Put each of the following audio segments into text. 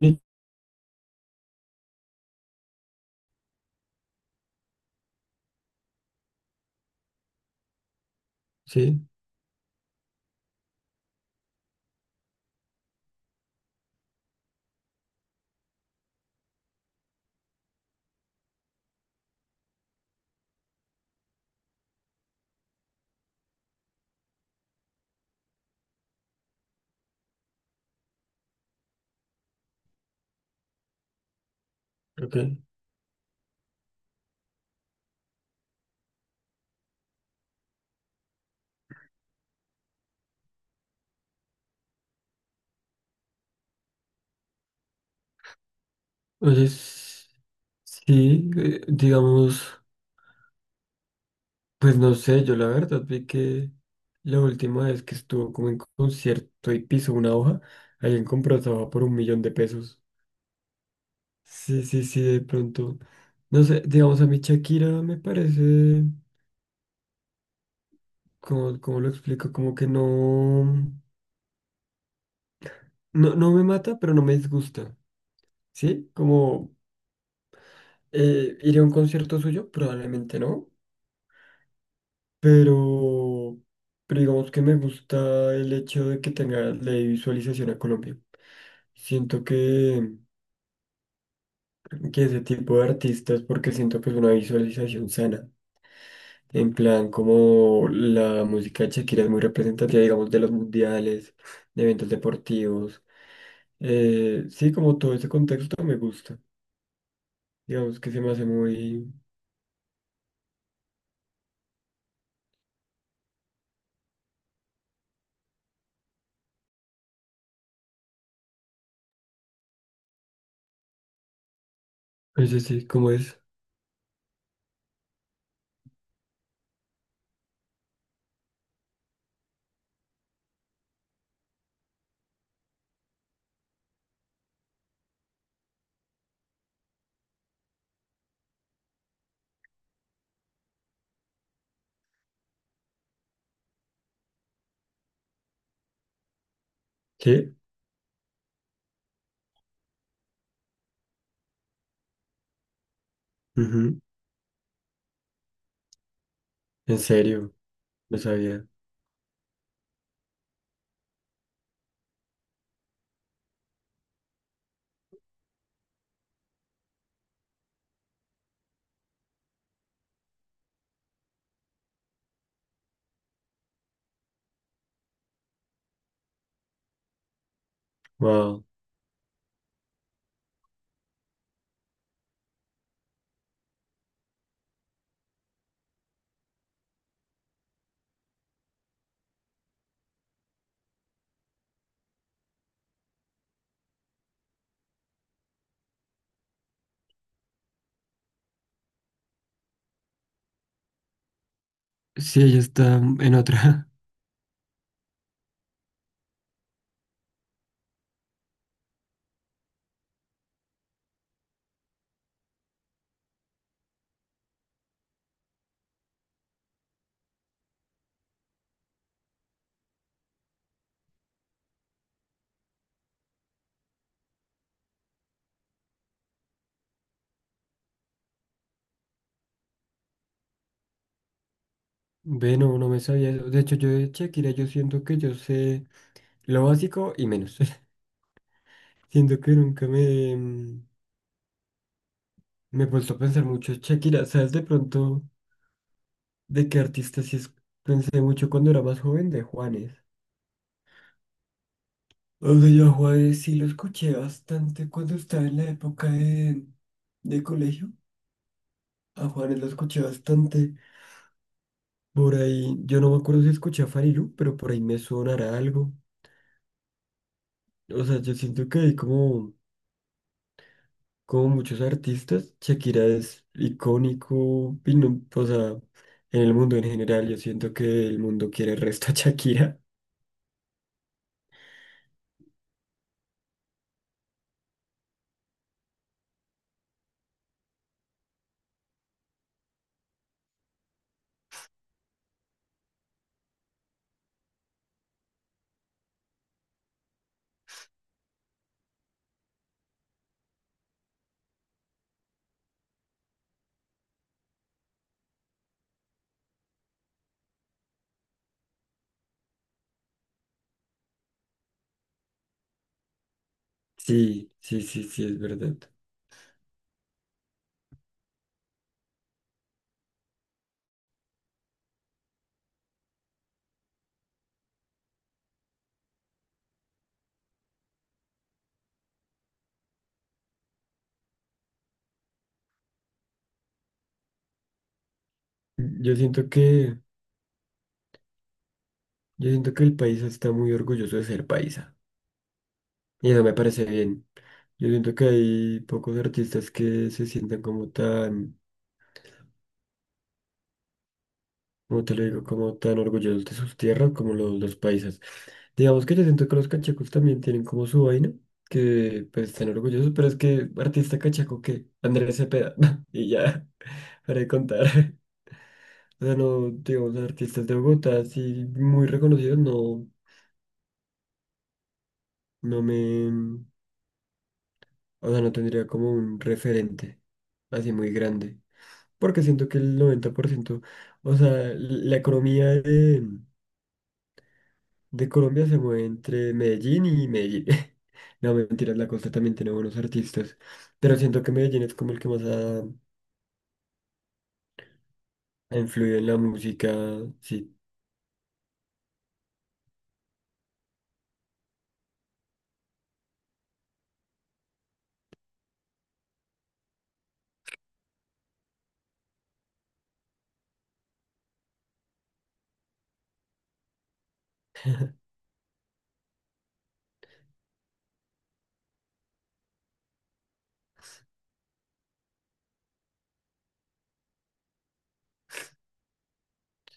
Sí, sí, creo que. Entonces, sí, digamos, pues no sé, yo la verdad vi que la última vez que estuvo como en concierto y pisó una hoja, alguien compró esa hoja por 1 millón de pesos. Sí, sí, sí, de pronto. No sé, digamos, a mí Shakira me parece, como, como lo explico, como que no, no, no me mata, pero no me disgusta. ¿Sí? Como iré a un concierto suyo, probablemente no. Pero, digamos que me gusta el hecho de que tenga la visualización a Colombia. Siento que, ese tipo de artistas, porque siento que es una visualización sana. En plan, como la música de Shakira es muy representativa, digamos, de los mundiales, de eventos deportivos. Sí, como todo ese contexto me gusta. Digamos que se me hace muy. Ese sí, sí, ¿cómo es? ¿Sí? Ujú. En serio, no sabía. Wow. Sí, ella está en otra. Ve, no, no me sabía eso. De hecho, yo de Shakira, yo siento que yo sé lo básico y menos. Siento que nunca me he puesto a pensar mucho en Shakira. ¿Sabes de pronto de qué artista sí es? Pensé mucho cuando era más joven de Juanes. O sea, yo a Juanes sí lo escuché bastante cuando estaba en la época de colegio. A Juanes lo escuché bastante. Por ahí, yo no me acuerdo si escuché a Farilu, pero por ahí me sonará algo. O sea, yo siento que hay como muchos artistas, Shakira es icónico, y o sea, en el mundo en general, yo siento que el mundo quiere el resto a Shakira. Sí, sí, sí, sí, es verdad. Yo siento que, yo siento que el país está muy orgulloso de ser paisa, y eso me parece bien. Yo siento que hay pocos artistas que se sientan como tan como te lo digo, como tan orgullosos de sus tierras como los paisas. Digamos que yo siento que los cachacos también tienen como su vaina, que pues están orgullosos, pero es que artista cachaco que Andrés Cepeda, y ya, para de contar. O sea, no, digamos, artistas de Bogotá, así muy reconocidos, no, no me, o sea, no tendría como un referente así muy grande, porque siento que el 90% o sea, la economía de Colombia se mueve entre Medellín y Medellín. No, mentiras, la costa también tiene buenos artistas. Pero siento que Medellín es como el que más ha influido en la música. Sí,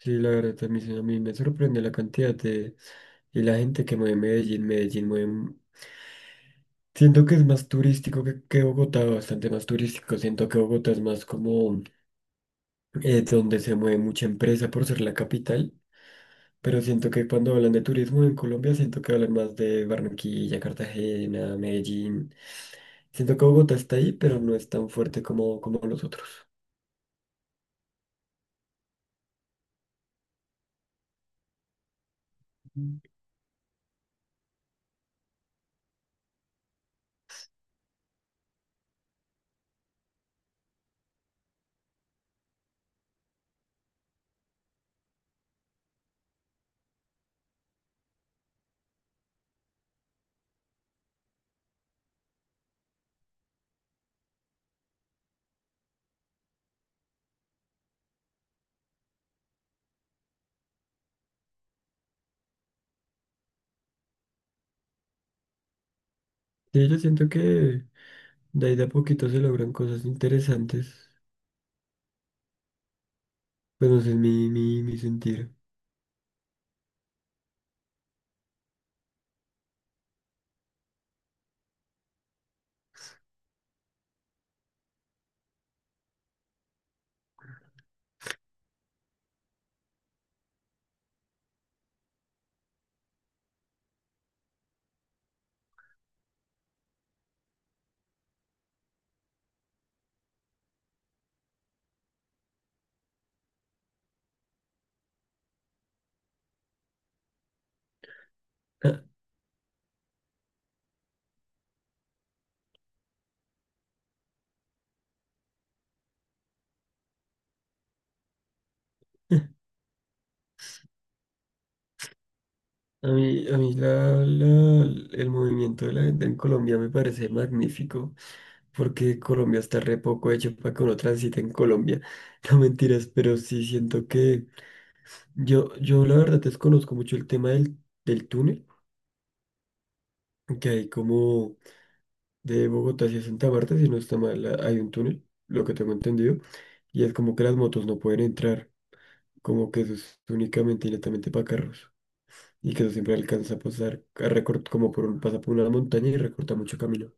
sí, la verdad también a mí me sorprende la cantidad de... Y la gente que mueve Medellín, Medellín mueve... Siento que es más turístico que Bogotá, bastante más turístico. Siento que Bogotá es más como... donde se mueve mucha empresa por ser la capital, pero siento que cuando hablan de turismo en Colombia, siento que hablan más de Barranquilla, Cartagena, Medellín. Siento que Bogotá está ahí, pero no es tan fuerte como, como los otros. Mm. Sí, yo siento que de ahí de a poquito se logran cosas interesantes. Pues no sé, es mi sentir. A mí la, el movimiento de la gente en Colombia me parece magnífico. Porque Colombia está re poco hecho para que uno transite en Colombia. No mentiras, pero sí siento que yo la verdad desconozco mucho el tema del túnel, que hay como de Bogotá hacia Santa Marta, si no está mal, hay un túnel, lo que tengo entendido, y es como que las motos no pueden entrar, como que eso es únicamente y netamente para carros. Y que eso siempre alcanza pues, a pasar, a recortar como por un, pasa por una montaña y recorta mucho camino.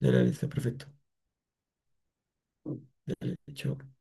Dale, dale, está perfecto. Dale, chao.